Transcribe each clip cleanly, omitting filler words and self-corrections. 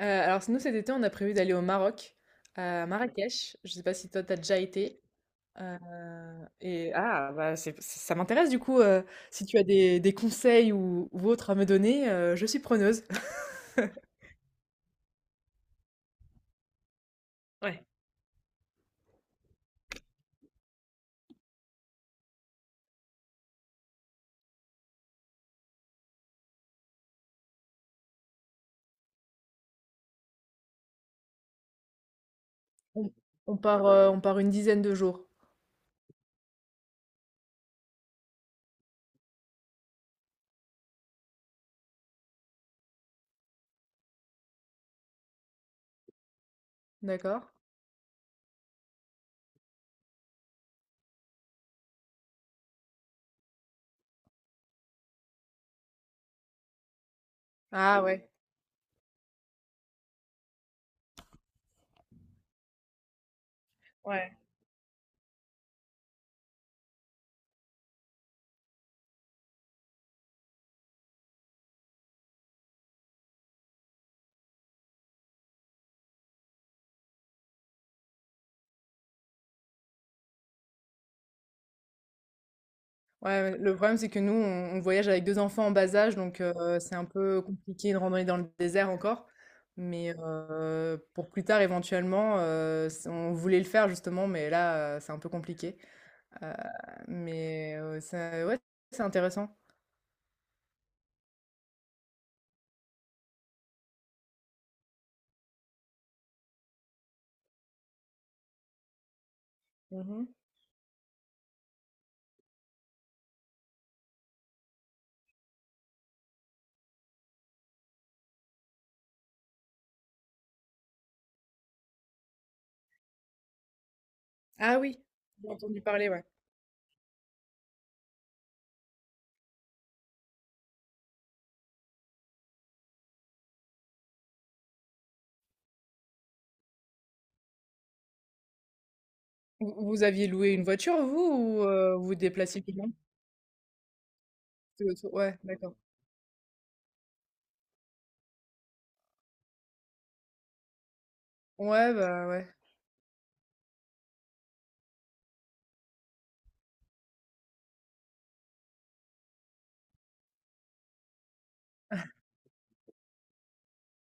Alors nous cet été, on a prévu d'aller au Maroc, à Marrakech. Je sais pas si toi t'as déjà été? Heu et ah bah, c'est ça m'intéresse du coup, si tu as des conseils ou autres à me donner, je suis preneuse. Ouais. On on part une dizaine de jours. D'accord. Ah ouais. Ouais. Ouais, ouais, le problème, c'est que nous, on voyage avec 2 enfants en bas âge, donc c'est un peu compliqué de randonner dans le désert encore. Mais pour plus tard, éventuellement, s on voulait le faire justement, mais là, c'est un peu compliqué. Heu, mais ça ouais, c'est intéressant. Mmh. Ah oui, j'ai entendu parler, ouais. Vous aviez loué une voiture, vous, ou vous vous déplaciez comment? Tout le tour, ouais, d'accord. Ouais, bah, ouais.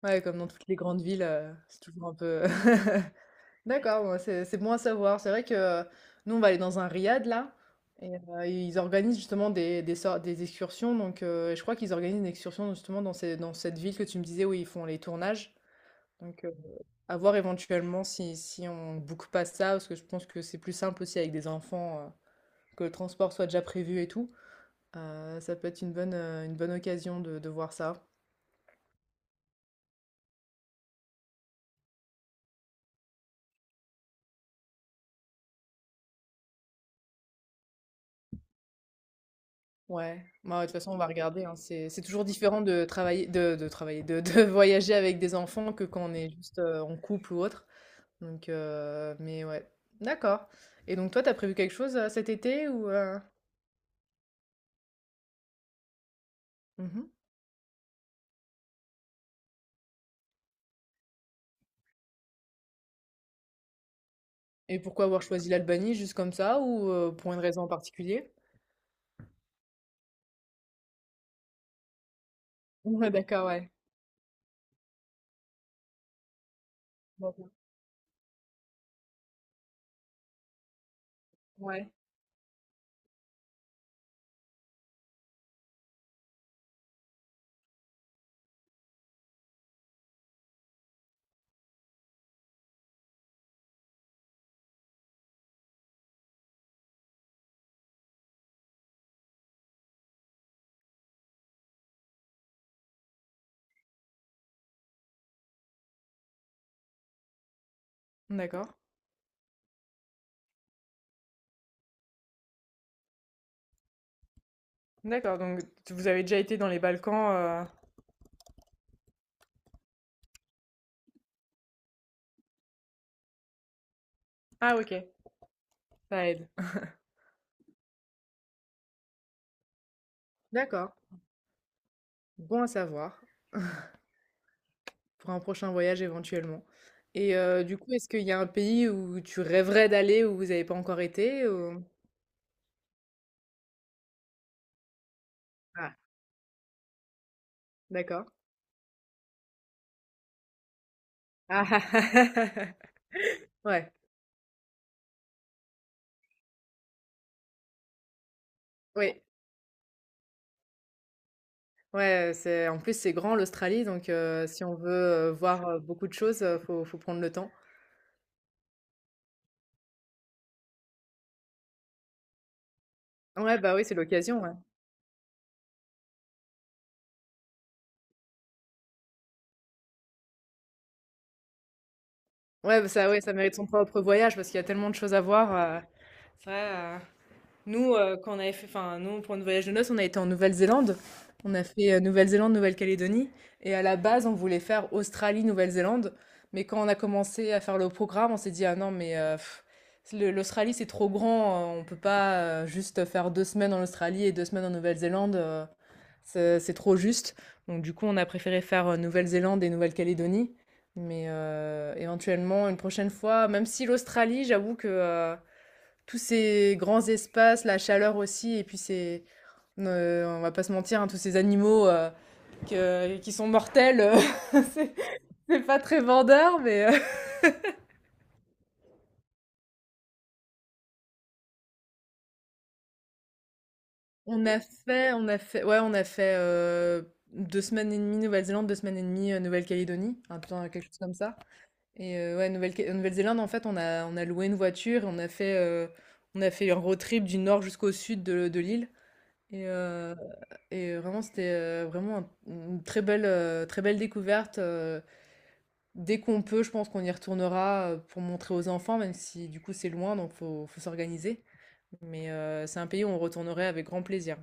Ouais, comme dans toutes les grandes villes, c'est toujours un peu D'accord, ouais, c'est bon à savoir. C'est vrai que nous, on va aller dans un riad là, et ils organisent justement des excursions. Donc, je crois qu'ils organisent une excursion justement dans cette ville que tu me disais où ils font les tournages. Donc, à voir éventuellement si on ne boucle pas ça, parce que je pense que c'est plus simple aussi avec des enfants, que le transport soit déjà prévu et tout. Ça peut être une bonne occasion de voir ça. Ouais, moi de toute façon, on va regarder, hein. C'est toujours différent de voyager avec des enfants que quand on est juste en couple ou autre. Donc, mais ouais, d'accord. Et donc, toi, t'as prévu quelque chose cet été ou mhm. Et pourquoi avoir choisi l'Albanie juste comme ça ou pour une raison en particulier? Ouais, d'accord, ouais. D'accord. Ouais. D'accord. D'accord, donc vous avez déjà été dans les Balkans. Ah, ok, ça aide. D'accord. Bon à savoir. Pour un prochain voyage éventuellement. Et du coup, est-ce qu'il y a un pays où tu rêverais d'aller, où vous n'avez pas encore été ou? Ah, d'accord. Ah ouais, oui, ouais, c'est en plus, c'est grand l'Australie donc si on veut, voir, beaucoup de choses, faut prendre le temps. Ouais, bah, oui, c'est l'occasion, ouais. Ouais, bah, ça ouais, ça mérite son propre voyage parce qu'il y a tellement de choses à voir, c'est vrai. Nous, quand on avait fait, enfin, nous, pour notre voyage de noces, on a été en Nouvelle-Zélande. On a fait Nouvelle-Zélande, Nouvelle-Calédonie. Et à la base, on voulait faire Australie, Nouvelle-Zélande. Mais quand on a commencé à faire le programme, on s'est dit, ah non, mais l'Australie, c'est trop grand. On peut pas juste faire 2 semaines en Australie et 2 semaines en Nouvelle-Zélande. C'est trop juste. Donc, du coup, on a préféré faire Nouvelle-Zélande et Nouvelle-Calédonie. Mais éventuellement, une prochaine fois, même si l'Australie, j'avoue que... tous ces grands espaces, la chaleur aussi, et puis ces, on va pas se mentir, hein, tous ces animaux qui sont mortels, c'est c'est pas très vendeur, mais on a fait, ouais, on a fait 2 semaines et demie Nouvelle-Zélande, 2 semaines et demie Nouvelle-Calédonie, un peu quelque chose comme ça. Et ouais, Nouvelle-Zélande, en fait, on a loué une voiture et on a fait un road trip du nord jusqu'au sud de l'île. Et euh, Et vraiment, c'était vraiment une très belle découverte. Dès qu'on peut, je pense qu'on y retournera pour montrer aux enfants, même si du coup c'est loin, donc faut s'organiser. Mais c'est un pays où on retournerait avec grand plaisir.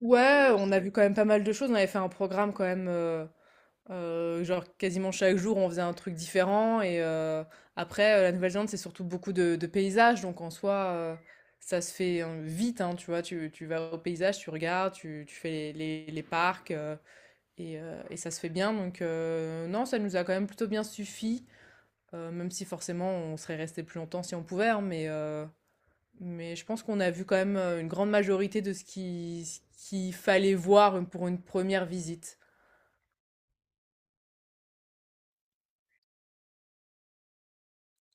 Ouais, on a vu quand même pas mal de choses. On avait fait un programme quand même, genre quasiment chaque jour, on faisait un truc différent. Et après, la Nouvelle-Zélande, c'est surtout beaucoup de paysages, donc en soi, ça se fait, hein, vite, hein, tu vois. Tu vas au paysage, tu regardes, tu fais les parcs. Ça se fait bien, donc non, ça nous a quand même plutôt bien suffi, même si forcément on serait resté plus longtemps si on pouvait, hein, mais je pense qu'on a vu quand même une grande majorité de ce qu'il fallait voir pour une première visite.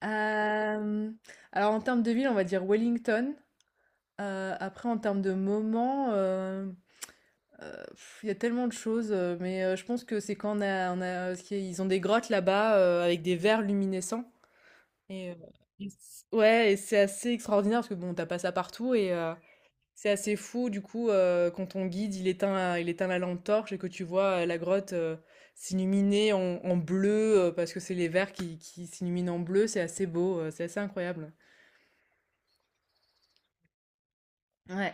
Euh, alors en termes de ville, on va dire Wellington. Après, en termes de moment, il y a tellement de choses, mais je pense que c'est quand parce qu'ils ont des grottes là-bas avec des vers luminescents. Et, euh, ouais, et c'est assez extraordinaire parce que bon, t'as pas ça partout et c'est assez fou du coup quand ton guide il éteint la lampe torche et que tu vois la grotte s'illuminer en bleu parce que c'est les vers qui s'illuminent en bleu, c'est assez beau, c'est assez incroyable. Ouais.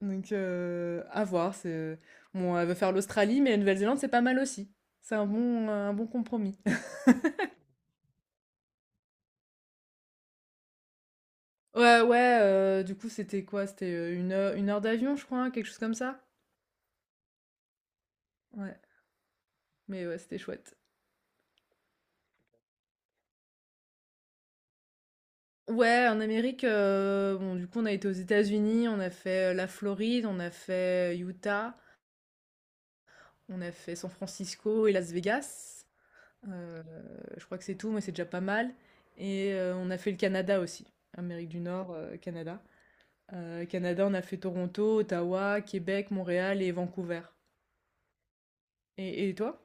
Donc à voir. C'est... Bon, elle veut faire l'Australie, mais la Nouvelle-Zélande c'est pas mal aussi. C'est un bon compromis. Ouais, ouais, du coup c'était quoi? C'était 1 heure d'avion, je crois, hein, quelque chose comme ça. Ouais, mais ouais, c'était chouette. Ouais, en Amérique, bon, du coup, on a été aux États-Unis, on a fait, la Floride, on a fait Utah, on a fait San Francisco et Las Vegas. Heu, je crois que c'est tout, mais c'est déjà pas mal et on a fait le Canada aussi, Amérique du Nord, Canada. Canada, on a fait Toronto, Ottawa, Québec, Montréal et Vancouver. Et toi?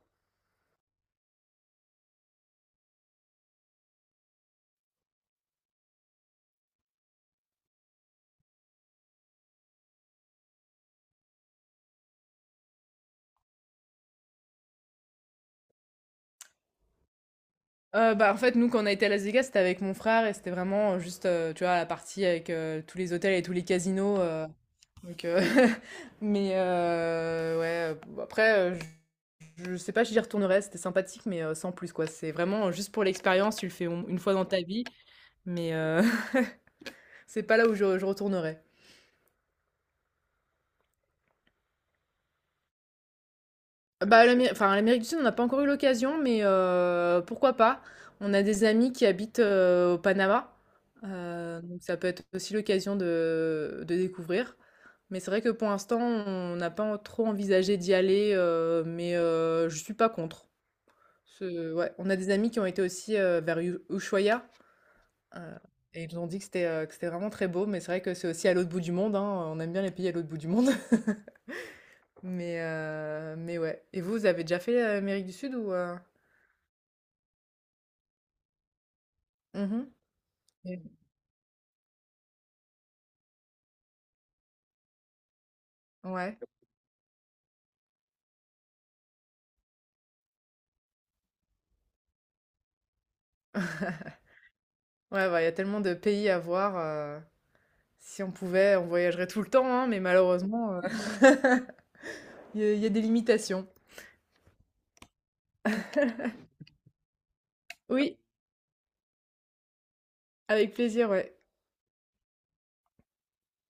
Bah, en fait, nous, quand on a été à Las Vegas, c'était avec mon frère et c'était vraiment, juste, tu vois, la partie avec, tous les hôtels et tous les casinos, Donc, mais ouais, bon, après, je sais pas si j'y retournerai, c'était sympathique, mais sans plus quoi. C'est vraiment juste pour l'expérience, tu le fais une fois dans ta vie, mais c'est pas là où je retournerai. Bah, enfin, à l'Amérique du Sud, on n'a pas encore eu l'occasion, mais pourquoi pas? On a des amis qui habitent au Panama, donc ça peut être aussi l'occasion de découvrir. Mais c'est vrai que pour l'instant, on n'a pas trop envisagé d'y aller, mais je suis pas contre. Ce Ouais, on a des amis qui ont été aussi, vers U Ushuaïa, heu et ils ont dit que que c'était vraiment très beau, mais c'est vrai que c'est aussi à l'autre bout du monde, hein, on aime bien les pays à l'autre bout du monde. Mais ouais. Et vous, vous avez déjà fait, Amérique du Sud ou? Mmh. Et ouais. Ouais, bah, il y a tellement de pays à voir, heu, si on pouvait, on voyagerait tout le temps, hein, mais malheureusement, Il y a des limitations. Oui, avec plaisir, ouais.